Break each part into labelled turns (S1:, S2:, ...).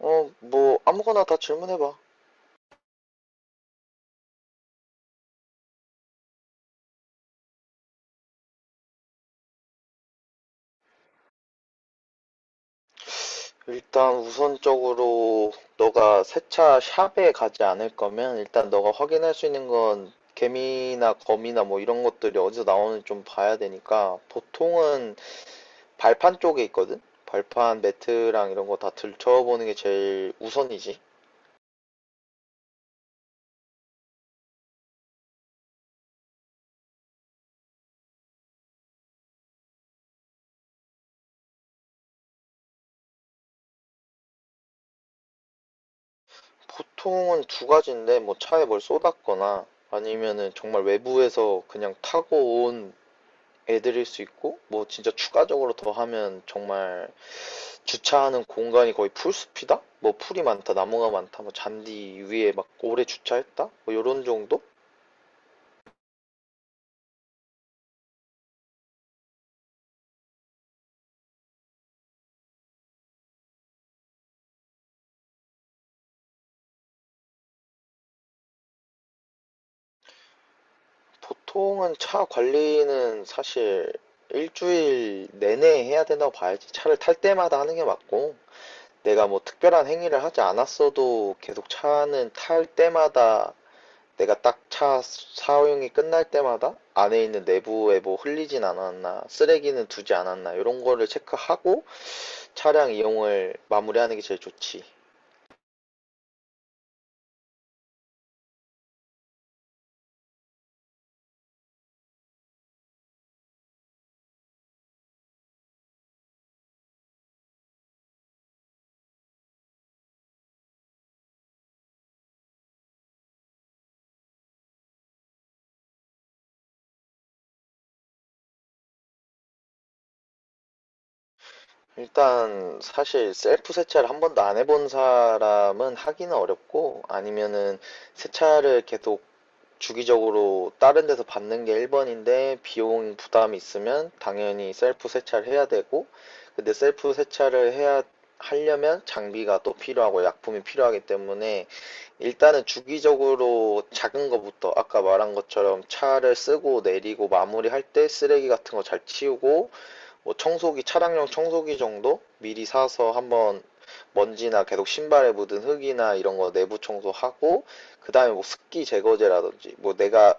S1: 어, 뭐, 아무거나 다 질문해봐. 일단 우선적으로 너가 세차 샵에 가지 않을 거면 일단 너가 확인할 수 있는 건 개미나 거미나 뭐 이런 것들이 어디서 나오는지 좀 봐야 되니까 보통은 발판 쪽에 있거든? 발판 매트랑 이런 거 다 들춰보는 게 제일 우선이지. 보통은 두 가지인데, 뭐 차에 뭘 쏟았거나 아니면은 정말 외부에서 그냥 타고 온 애들일 수 있고, 뭐 진짜 추가적으로 더 하면 정말 주차하는 공간이 거의 풀숲이다? 뭐 풀이 많다, 나무가 많다, 뭐 잔디 위에 막 오래 주차했다? 뭐 요런 정도? 보통은 차 관리는 사실 일주일 내내 해야 된다고 봐야지. 차를 탈 때마다 하는 게 맞고, 내가 뭐 특별한 행위를 하지 않았어도 계속 차는 탈 때마다, 내가 딱 차 사용이 끝날 때마다 안에 있는 내부에 뭐 흘리진 않았나, 쓰레기는 두지 않았나, 이런 거를 체크하고 차량 이용을 마무리하는 게 제일 좋지. 일단 사실 셀프 세차를 한 번도 안 해본 사람은 하기는 어렵고, 아니면은 세차를 계속 주기적으로 다른 데서 받는 게 1번인데, 비용 부담이 있으면 당연히 셀프 세차를 해야 되고. 근데 셀프 세차를 해야 하려면 장비가 또 필요하고 약품이 필요하기 때문에, 일단은 주기적으로 작은 거부터 아까 말한 것처럼 차를 쓰고 내리고 마무리할 때 쓰레기 같은 거 잘 치우고, 뭐 청소기, 차량용 청소기 정도 미리 사서 한번 먼지나 계속 신발에 묻은 흙이나 이런 거 내부 청소하고, 그다음에 뭐 습기 제거제라든지, 뭐 내가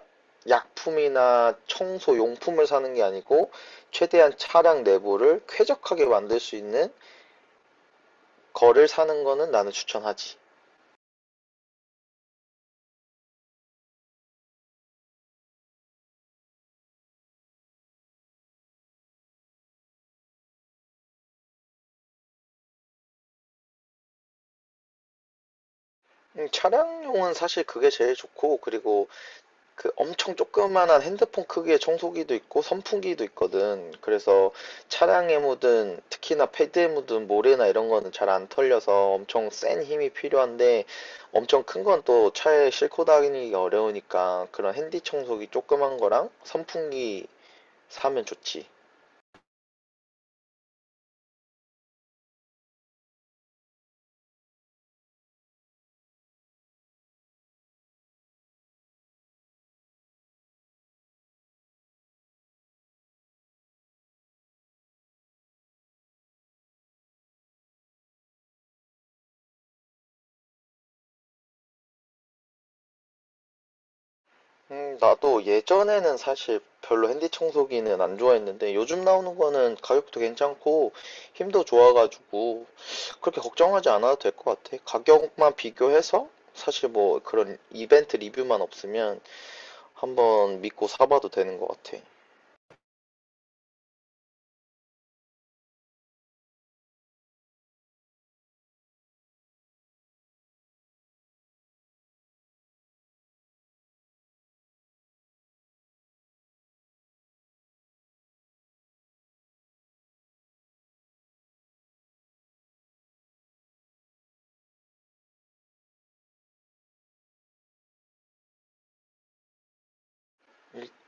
S1: 약품이나 청소 용품을 사는 게 아니고 최대한 차량 내부를 쾌적하게 만들 수 있는 거를 사는 거는 나는 추천하지. 차량용은 사실 그게 제일 좋고, 그리고 그 엄청 조그만한 핸드폰 크기의 청소기도 있고 선풍기도 있거든. 그래서 차량에 묻은, 특히나 패드에 묻은 모래나 이런 거는 잘 안 털려서 엄청 센 힘이 필요한데, 엄청 큰 건 또 차에 싣고 다니기 어려우니까 그런 핸디 청소기 조그만 거랑 선풍기 사면 좋지. 나도 예전에는 사실 별로 핸디 청소기는 안 좋아했는데, 요즘 나오는 거는 가격도 괜찮고 힘도 좋아가지고 그렇게 걱정하지 않아도 될 것 같아. 가격만 비교해서, 사실 뭐 그런 이벤트 리뷰만 없으면 한번 믿고 사봐도 되는 것 같아.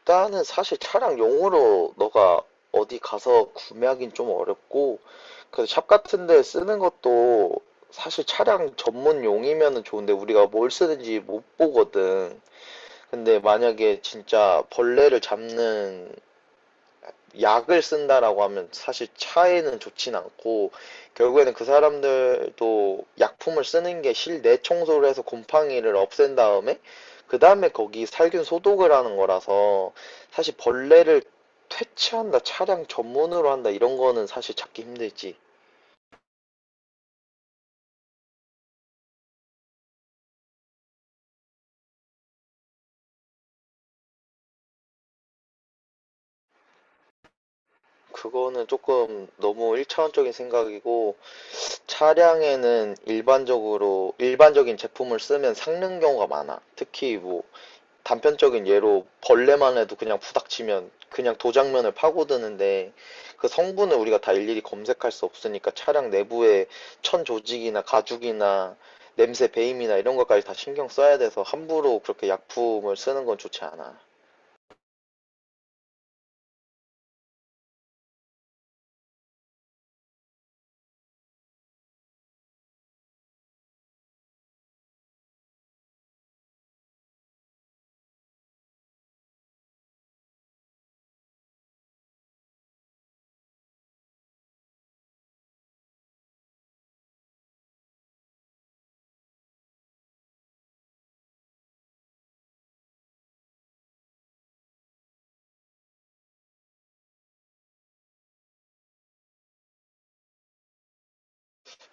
S1: 일단은 사실 차량 용으로 너가 어디 가서 구매하긴 좀 어렵고, 그래서 샵 같은 데 쓰는 것도 사실 차량 전문용이면은 좋은데, 우리가 뭘 쓰는지 못 보거든. 근데 만약에 진짜 벌레를 잡는 약을 쓴다라고 하면 사실 차에는 좋진 않고, 결국에는 그 사람들도 약품을 쓰는 게 실내 청소를 해서 곰팡이를 없앤 다음에, 그 다음에 거기 살균 소독을 하는 거라서, 사실 벌레를 퇴치한다, 차량 전문으로 한다, 이런 거는 사실 찾기 힘들지. 그거는 조금 너무 일차원적인 생각이고, 차량에는 일반적으로 일반적인 제품을 쓰면 삭는 경우가 많아. 특히 뭐 단편적인 예로 벌레만 해도 그냥 부닥치면 그냥 도장면을 파고드는데, 그 성분을 우리가 다 일일이 검색할 수 없으니까 차량 내부에 천 조직이나 가죽이나 냄새 배임이나 이런 것까지 다 신경 써야 돼서 함부로 그렇게 약품을 쓰는 건 좋지 않아.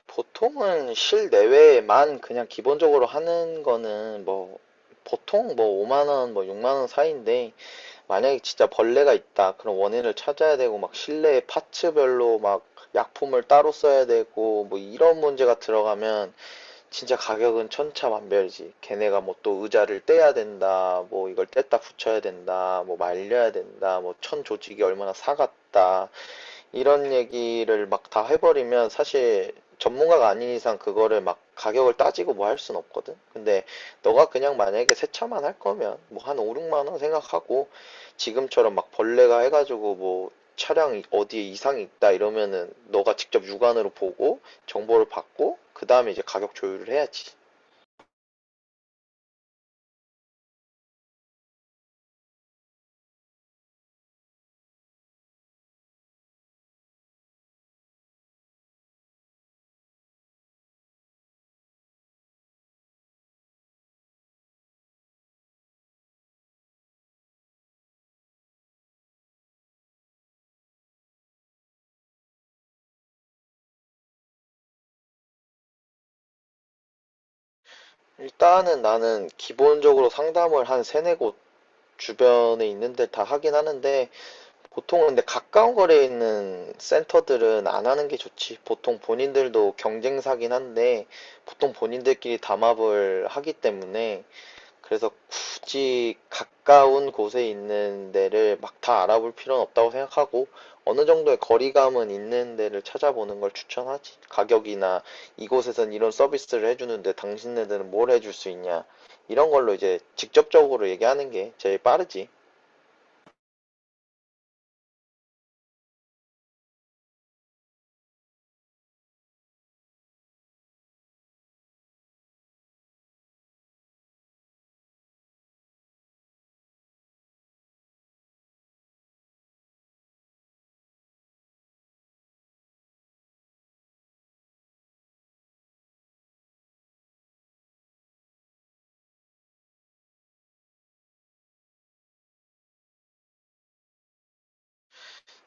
S1: 보통은 실내외에만 그냥 기본적으로 하는 거는 뭐 보통 뭐 5만 원, 뭐 6만 원 사이인데, 만약에 진짜 벌레가 있다. 그런 원인을 찾아야 되고 막 실내 파츠별로 막 약품을 따로 써야 되고 뭐 이런 문제가 들어가면 진짜 가격은 천차만별이지. 걔네가 뭐 또 의자를 떼야 된다. 뭐 이걸 뗐다 붙여야 된다. 뭐 말려야 된다. 뭐 천 조직이 얼마나 사갔다. 이런 얘기를 막 다 해버리면 사실 전문가가 아닌 이상 그거를 막 가격을 따지고 뭐 할 순 없거든. 근데 너가 그냥 만약에 세차만 할 거면 뭐 한 5, 6만 원 생각하고, 지금처럼 막 벌레가 해가지고 뭐 어디에 이상이 있다 이러면은 너가 직접 육안으로 보고 정보를 받고 그 다음에 이제 가격 조율을 해야지. 일단은 나는 기본적으로 상담을 한 세네 곳 주변에 있는 데 다 하긴 하는데, 보통은 근데 가까운 거리에 있는 센터들은 안 하는 게 좋지. 보통 본인들도 경쟁사긴 한데, 보통 본인들끼리 담합을 하기 때문에, 그래서 굳이 가까운 곳에 있는 데를 막 다 알아볼 필요는 없다고 생각하고, 어느 정도의 거리감은 있는 데를 찾아보는 걸 추천하지. 가격이나, 이곳에선 이런 서비스를 해주는데 당신네들은 뭘 해줄 수 있냐, 이런 걸로 이제 직접적으로 얘기하는 게 제일 빠르지.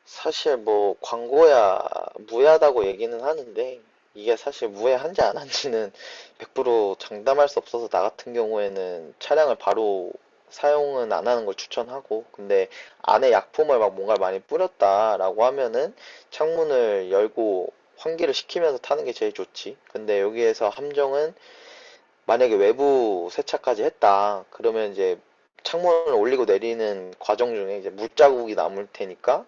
S1: 사실 뭐 광고야 무해하다고 얘기는 하는데, 이게 사실 무해한지 안 한지는 100% 장담할 수 없어서 나 같은 경우에는 차량을 바로 사용은 안 하는 걸 추천하고. 근데 안에 약품을 막 뭔가 많이 뿌렸다라고 하면은 창문을 열고 환기를 시키면서 타는 게 제일 좋지. 근데 여기에서 함정은, 만약에 외부 세차까지 했다, 그러면 이제 창문을 올리고 내리는 과정 중에 이제 물자국이 남을 테니까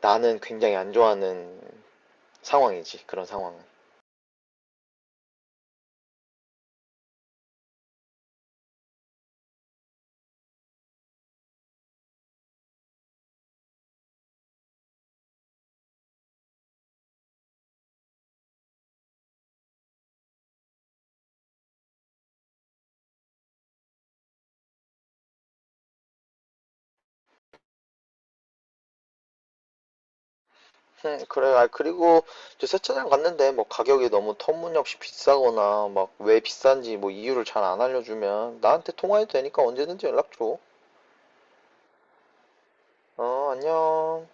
S1: 나는 굉장히 안 좋아하는 상황이지, 그런 상황은. 그래. 아, 그리고 저 세차장 갔는데 뭐 가격이 너무 터무니없이 비싸거나 막 왜 비싼지 뭐 이유를 잘 안 알려주면 나한테 통화해도 되니까 언제든지 연락 줘. 어, 안녕.